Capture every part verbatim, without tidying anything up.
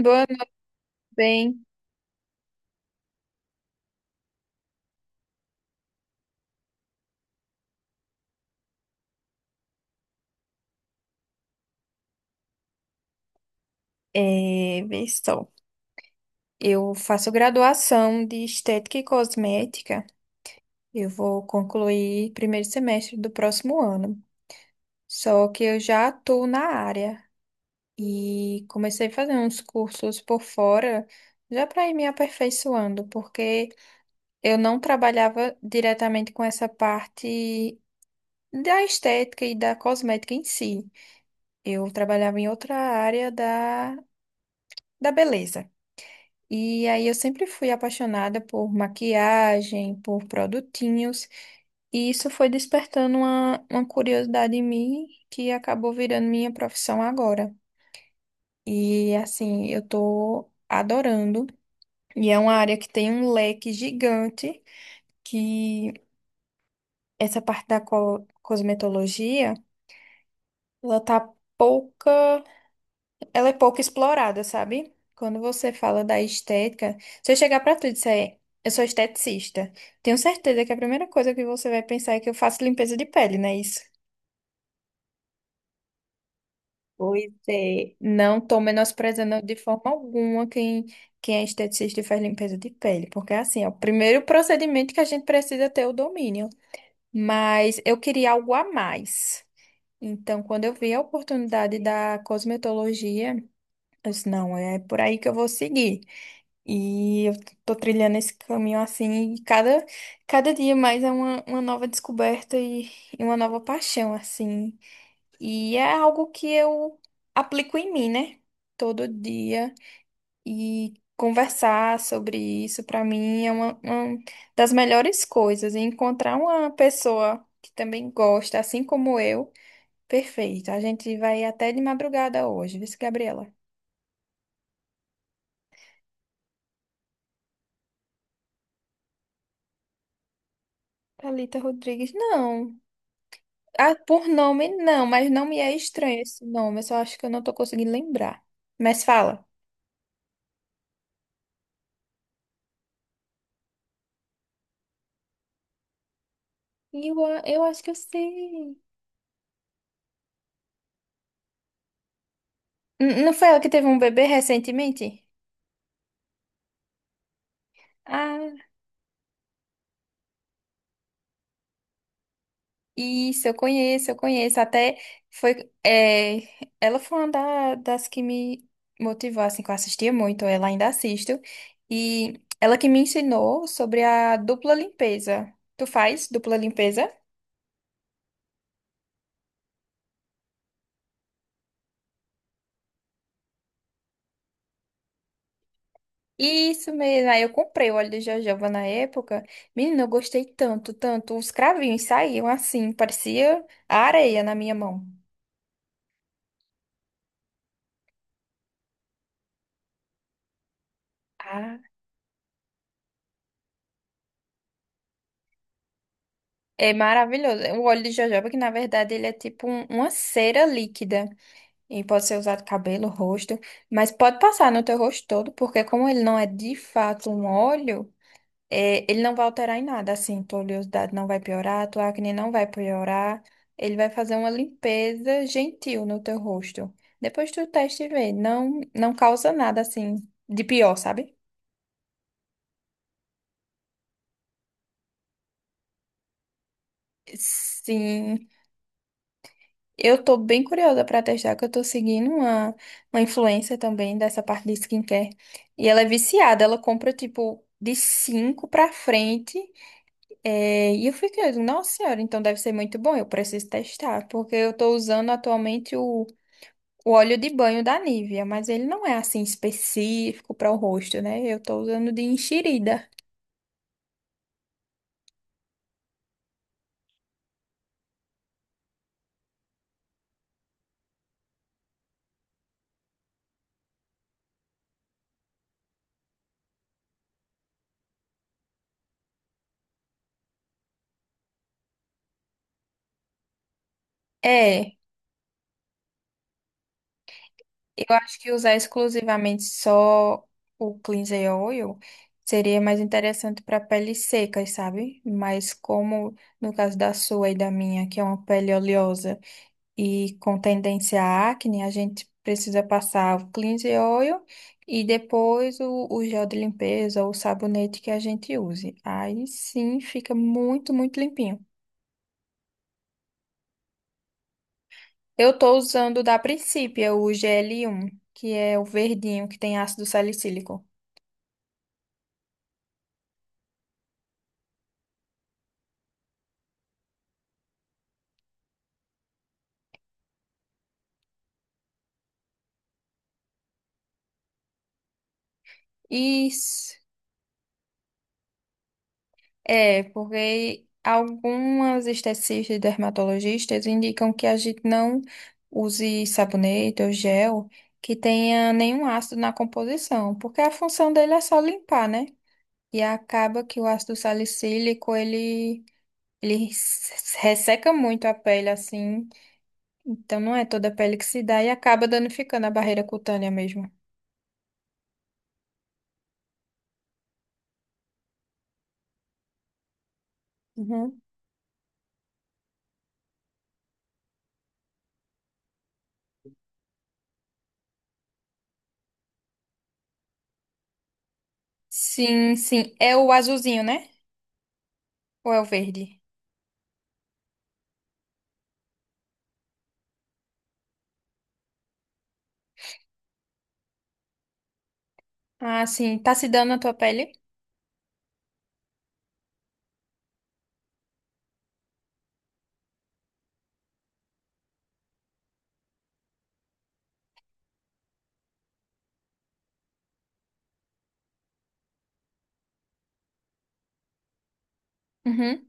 Boa, bem, é, vê só. Eu faço graduação de estética e cosmética. Eu vou concluir primeiro semestre do próximo ano. Só que eu já atuo na área e comecei a fazer uns cursos por fora, já para ir me aperfeiçoando, porque eu não trabalhava diretamente com essa parte da estética e da cosmética em si. Eu trabalhava em outra área da, da beleza. E aí eu sempre fui apaixonada por maquiagem, por produtinhos, e isso foi despertando uma, uma curiosidade em mim que acabou virando minha profissão agora. E assim, eu tô adorando, e é uma área que tem um leque gigante, que essa parte da co- cosmetologia, ela tá pouca. Ela é pouco explorada, sabe? Quando você fala da estética, se eu chegar pra tu e disser, eu sou esteticista, tenho certeza que a primeira coisa que você vai pensar é que eu faço limpeza de pele, não é isso? Pois é. Não tô menosprezando de forma alguma quem, quem é esteticista e faz limpeza de pele, porque assim, é o primeiro procedimento que a gente precisa ter o domínio. Mas eu queria algo a mais. Então, quando eu vi a oportunidade da cosmetologia, eu disse, não, é por aí que eu vou seguir. E eu tô trilhando esse caminho assim, e cada, cada dia mais é uma, uma nova descoberta e, e uma nova paixão, assim. E é algo que eu aplico em mim, né? Todo dia. E conversar sobre isso, pra mim, é uma, uma das melhores coisas. E encontrar uma pessoa que também gosta, assim como eu, perfeito. A gente vai até de madrugada hoje, viu, Gabriela? Thalita Rodrigues, não. Ah, por nome não, mas não me é estranho esse nome. Eu só acho que eu não tô conseguindo lembrar. Mas fala. Eu, a- eu acho que eu sei. N- não foi ela que teve um bebê recentemente? Ah, isso, eu conheço, eu conheço. Até foi. é, ela foi uma da- das que me motivou, assim, que eu assistia muito, ela ainda assisto. E ela que me ensinou sobre a dupla limpeza. Tu faz dupla limpeza? Isso mesmo. Aí eu comprei o óleo de jojoba na época. Menina, eu gostei tanto, tanto. Os cravinhos saíam assim, parecia a areia na minha mão. Ah, é maravilhoso. O óleo de jojoba, que na verdade ele é tipo um- uma cera líquida. E pode ser usado cabelo, rosto, mas pode passar no teu rosto todo, porque como ele não é de fato um óleo. É, ele não vai alterar em nada, assim, tua oleosidade não vai piorar, tua acne não vai piorar. Ele vai fazer uma limpeza gentil no teu rosto. Depois tu testa e vê, não, não causa nada, assim, de pior, sabe? Sim, eu tô bem curiosa pra testar, que eu tô seguindo uma, uma influencer também dessa parte de skincare. E ela é viciada, ela compra, tipo, de cinco pra frente. É, e eu fiquei, nossa senhora, então deve ser muito bom, eu preciso testar, porque eu tô usando atualmente o, o óleo de banho da Nivea, mas ele não é assim específico para o rosto, né? Eu tô usando de enxerida. É, eu acho que usar exclusivamente só o cleanser oil seria mais interessante para peles secas, sabe? Mas como no caso da sua e da minha, que é uma pele oleosa e com tendência à acne, a gente precisa passar o cleanse oil e depois o, o gel de limpeza ou o sabonete que a gente use. Aí sim fica muito, muito limpinho. Eu tô usando da Principia o G L um, que é o verdinho que tem ácido salicílico. E É, porque algumas esteticistas e dermatologistas indicam que a gente não use sabonete ou gel que tenha nenhum ácido na composição, porque a função dele é só limpar, né? E acaba que o ácido salicílico, ele, ele res- resseca muito a pele, assim. Então não é toda a pele que se dá e acaba danificando a barreira cutânea mesmo. Uhum. Sim, sim. É o azulzinho, né? Ou é o verde? Ah, sim. Tá se dando na tua pele? Uhum.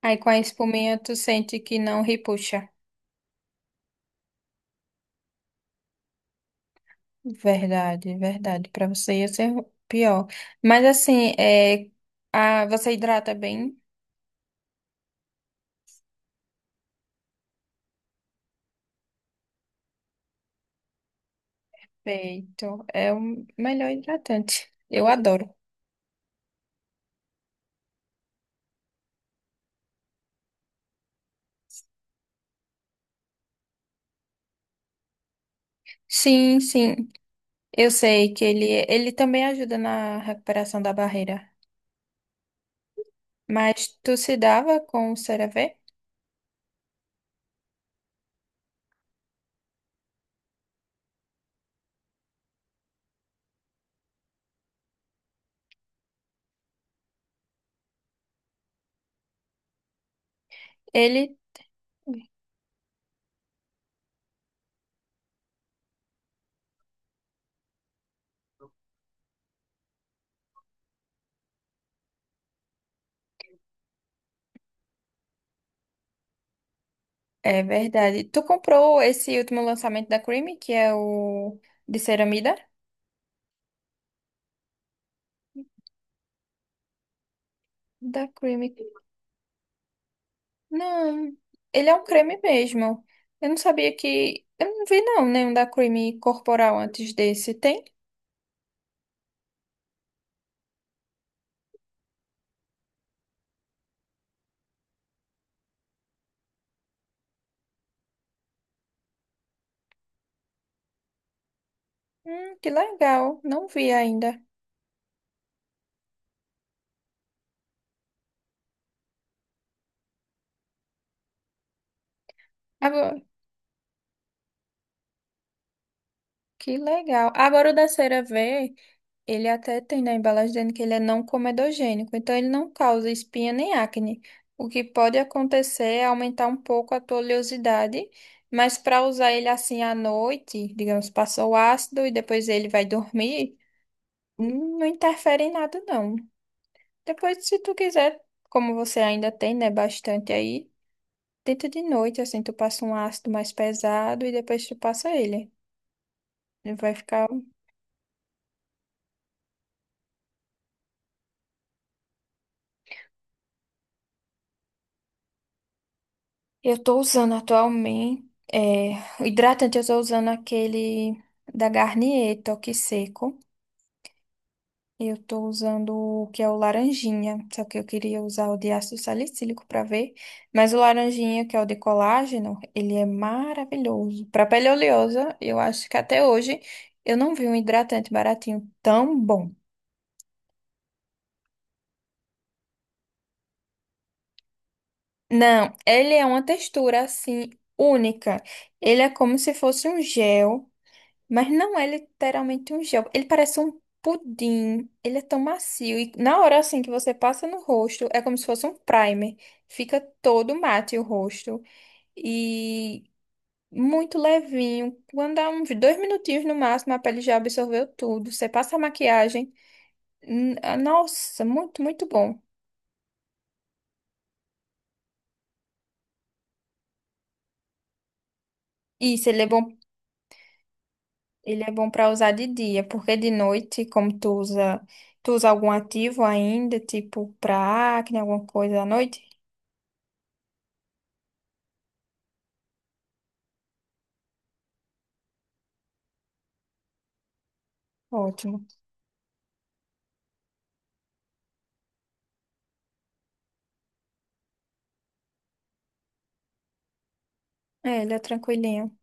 Aí com a espuminha tu sente que não repuxa. Verdade, verdade. Pra você ia ser pior. Mas assim, é, a, você hidrata bem feito. É o melhor hidratante. Eu adoro. Sim, sim. Eu sei que ele, ele também ajuda na recuperação da barreira. Mas tu se dava com o CeraVe? Ele é Verdade. Tu comprou esse último lançamento da Creamy, que é o de ceramida? Da Creamy. Não, ele é um creme mesmo. Eu não sabia que. Eu não vi, não, nenhum da creme corporal antes desse. Tem? Hum, que legal. Não vi ainda. Agora, que legal. Agora o da cera V. Ele até tem na embalagem dizendo que ele é não comedogênico, então ele não causa espinha nem acne. O que pode acontecer é aumentar um pouco a tua oleosidade, mas para usar ele assim à noite, digamos, passou o ácido e depois ele vai dormir, hum, não interfere em nada, não. Depois, se tu quiser, como você ainda tem, né, bastante aí, tenta de noite, assim, tu passa um ácido mais pesado e depois tu passa ele. Ele vai ficar. Eu tô usando atualmente, é, o hidratante eu tô usando aquele da Garnier, Toque Seco. Eu tô usando o que é o laranjinha, só que eu queria usar o de ácido salicílico pra ver, mas o laranjinha, que é o de colágeno, ele é maravilhoso. Pra pele oleosa, eu acho que até hoje eu não vi um hidratante baratinho tão bom. Não, ele é uma textura assim única. Ele é como se fosse um gel. Mas não é literalmente um gel. Ele parece um pudim. Ele é tão macio. E na hora assim que você passa no rosto, é como se fosse um primer. Fica todo mate o rosto. E muito levinho. Quando dá uns dois minutinhos no máximo, a pele já absorveu tudo. Você passa a maquiagem. N- ah, Nossa, muito, muito bom. Isso, ele é bom. Ele é bom para usar de dia, porque de noite, como tu usa, tu usa algum ativo ainda, tipo pra acne, alguma coisa à noite? Ótimo. É, ele é tranquilinho.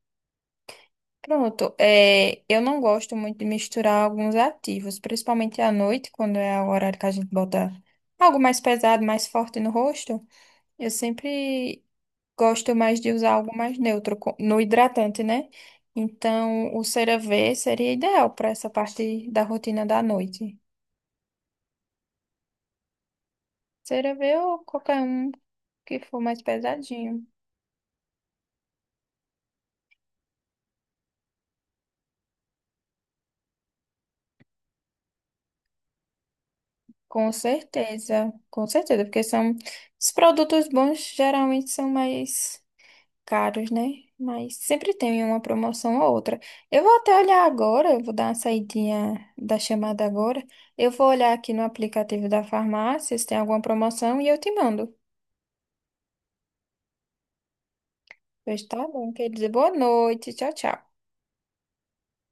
Pronto. É, eu não gosto muito de misturar alguns ativos, principalmente à noite, quando é o horário que a gente bota algo mais pesado, mais forte no rosto. Eu sempre gosto mais de usar algo mais neutro co- no hidratante, né? Então, o CeraVe seria ideal para essa parte da rotina da noite. CeraVe ou qualquer um que for mais pesadinho. Com certeza, com certeza, porque são os produtos bons geralmente são mais caros, né? Mas sempre tem uma promoção ou outra. Eu vou até olhar agora, eu vou dar uma saidinha da chamada agora. Eu vou olhar aqui no aplicativo da farmácia se tem alguma promoção e eu te mando. Pois tá bom, quer dizer, boa noite, tchau, tchau.